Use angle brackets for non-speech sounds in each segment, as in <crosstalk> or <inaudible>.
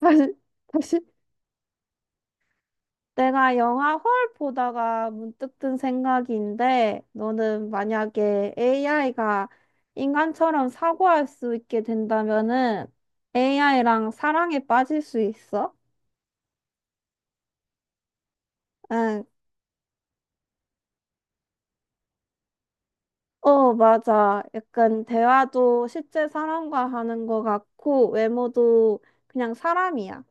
다시, 다시. 내가 영화 헐 보다가 문득 든 생각인데, 너는 만약에 AI가 인간처럼 사고할 수 있게 된다면은 AI랑 사랑에 빠질 수 있어? 응. 어, 맞아. 약간 대화도 실제 사람과 하는 것 같고, 외모도 그냥 사람이야.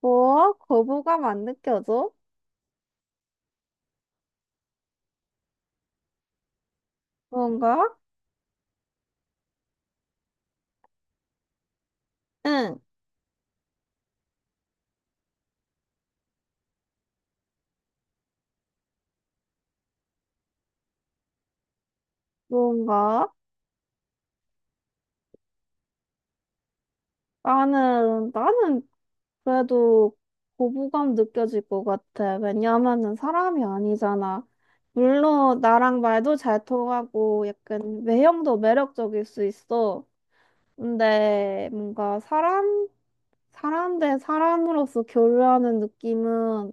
뭐? 거부감 안 느껴져? 뭔가? 응. 뭔가? 나는 그래도 고부감 느껴질 것 같아. 왜냐하면은 사람이 아니잖아. 물론 나랑 말도 잘 통하고 약간 외형도 매력적일 수 있어. 근데 뭔가 사람 대 사람으로서 교류하는 느낌은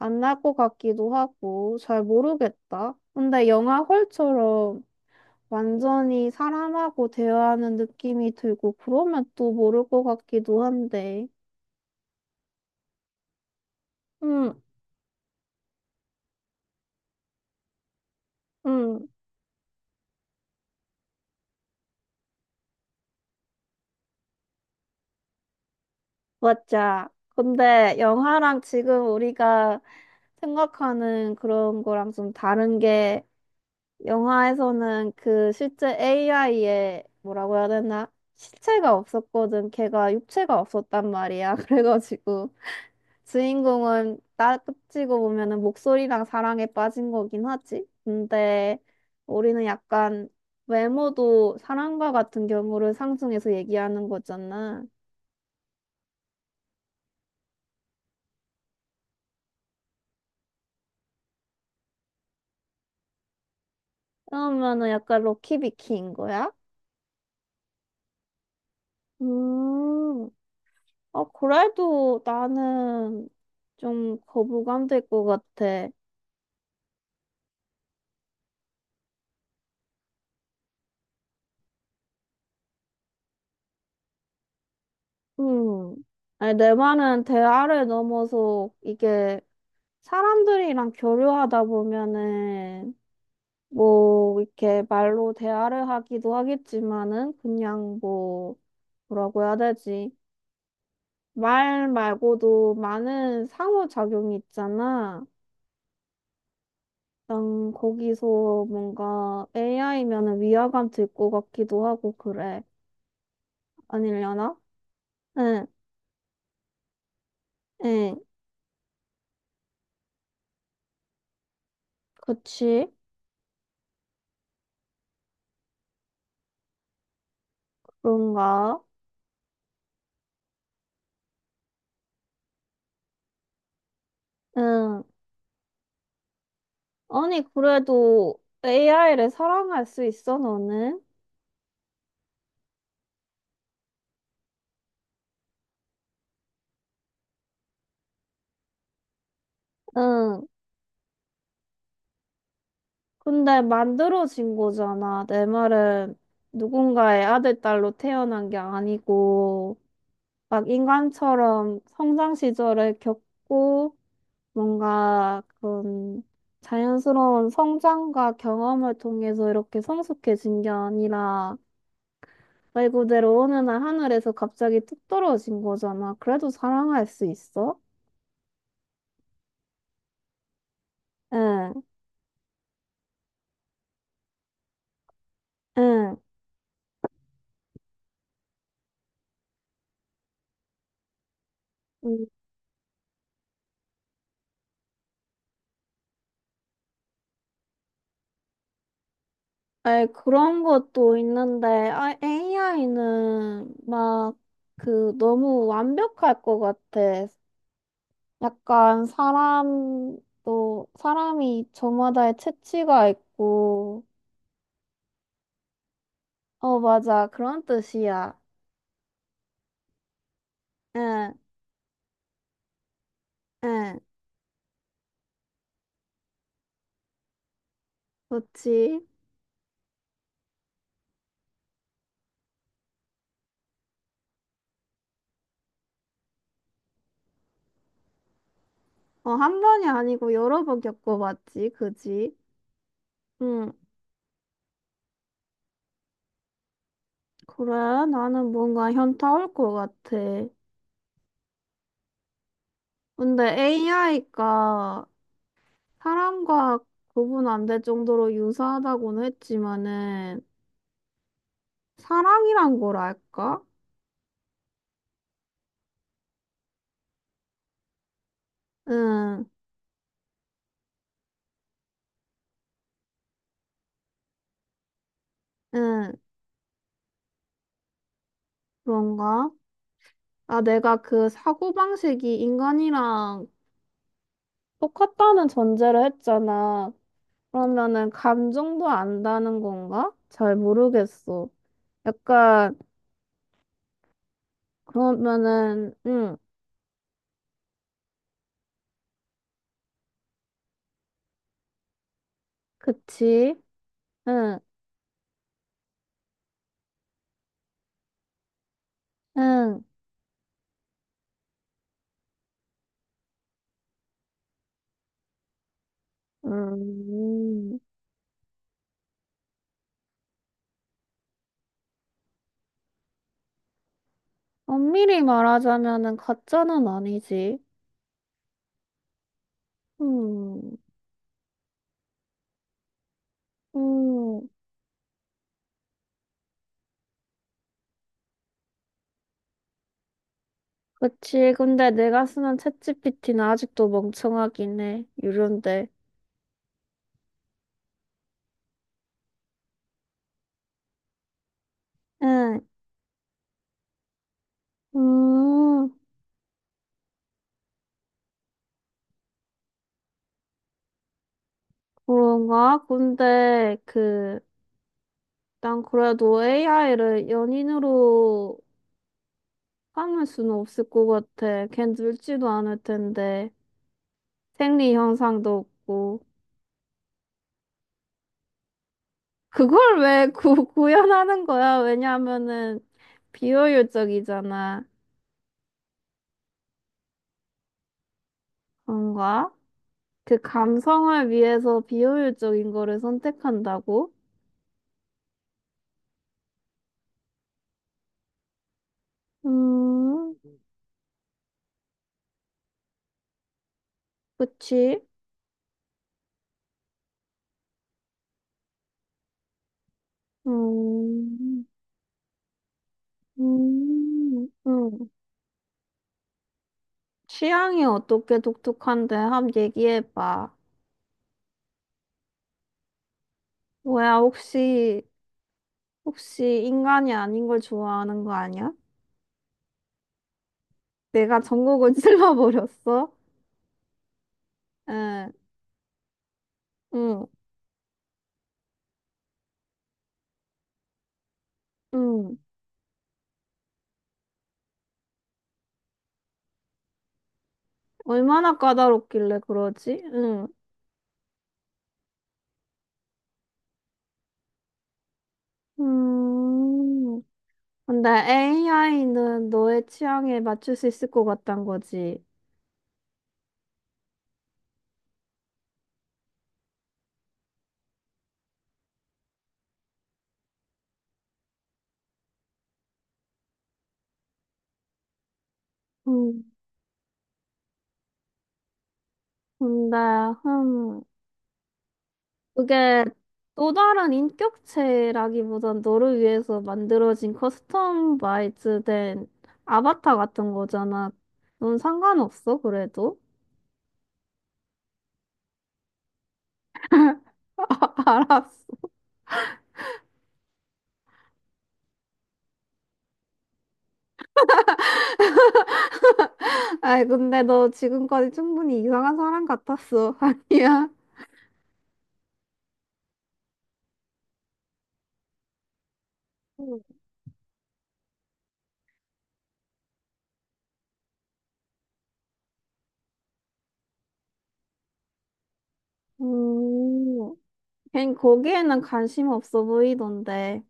안 날 것 같기도 하고 잘 모르겠다. 근데 영화 홀처럼 완전히 사람하고 대화하는 느낌이 들고 그러면 또 모를 것 같기도 한데. 음. 음. 맞아. 근데 영화랑 지금 우리가 생각하는 그런 거랑 좀 다른 게 영화에서는 그 실제 AI의 뭐라고 해야 되나? 실체가 없었거든. 걔가 육체가 없었단 말이야. <laughs> 그래가지고 주인공은 따지고 보면은 목소리랑 사랑에 빠진 거긴 하지. 근데 우리는 약간 외모도 사랑과 같은 경우를 상승해서 얘기하는 거잖아. 그러면은 약간 럭키비키인 거야? 음, 어, 그래도 나는 좀 거부감 될 것 같아. 음, 아니, 내 말은 대화를 넘어서 이게 사람들이랑 교류하다 보면은 뭐 이렇게 말로 대화를 하기도 하겠지만은 그냥 뭐 뭐라고 해야 되지? 말 말고도 많은 상호작용이 있잖아. 난 거기서 뭔가 AI면은 위화감 들 것 같기도 하고 그래. 아니려나? 응, 응, 그치? 그런가? 응. 아니, 그래도 AI를 사랑할 수 있어, 너는? 응. 근데 만들어진 거잖아. 내 말은 누군가의 아들, 딸로 태어난 게 아니고, 막 인간처럼 성장 시절을 겪고, 뭔가 그런 자연스러운 성장과 경험을 통해서 이렇게 성숙해진 게 아니라 말 그대로 어느 날 하늘에서 갑자기 뚝 떨어진 거잖아. 그래도 사랑할 수 있어? 응, 응. 음, 아니, 그런 것도 있는데 AI는 막 그 너무 완벽할 것 같아. 약간 사람도 사람이 저마다의 체취가 있고 어 맞아 그런 뜻이야. 응, 응, 그치. 어, 한 번이 아니고 여러 번 겪어봤지, 그지? 응, 그래. 나는 뭔가 현타 올 것 같아. 근데 AI가 사람과 구분 안 될 정도로 유사하다고는 했지만은, 사랑이란 걸 알까? 응, 응, 그런가? 아, 내가 그 사고방식이 인간이랑 똑같다는 전제를 했잖아. 그러면은 감정도 안다는 건가? 잘 모르겠어. 약간 그러면은 응, 그치? 응, 응, 음. 음, 엄밀히 말하자면은 가짜는 아니지. 음, 음, 그치. 근데 내가 쓰는 챗GPT는 아직도 멍청하긴 해. 유료인데. 응, 음, 그런가? 근데 그 난 그래도 AI를 연인으로 까맬 수는 없을 것 같아. 걘 늙지도 않을 텐데. 생리 현상도 없고. 그걸 왜 <laughs> 구현하는 거야? 왜냐면은 비효율적이잖아. 그런가? 그 감성을 위해서 비효율적인 거를 선택한다고? 음, 그치? 음, 음, 음. 취향이 어떻게 독특한데? 한번 얘기해봐. 뭐야, 혹시, 인간이 아닌 걸 좋아하는 거 아니야? 내가 전국을 <laughs> 찔러버렸어? 응, 응, 응. 얼마나 까다롭길래 그러지? 응. 음, 근데 AI는 너의 취향에 맞출 수 있을 것 같단 거지. 음, 근데, 음, 그게 또 다른 인격체라기보단 너를 위해서 만들어진 커스텀 바이즈 된 아바타 같은 거잖아. 넌 상관없어, 그래도? <laughs> 알았어. 아이, 근데 너 지금까지 충분히 이상한 사람 같았어. <laughs> 아니야? 음. 음, 걘 거기에는 관심 없어 보이던데.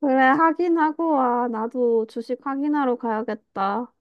그래, 확인하고 와. 나도 주식 확인하러 가야겠다.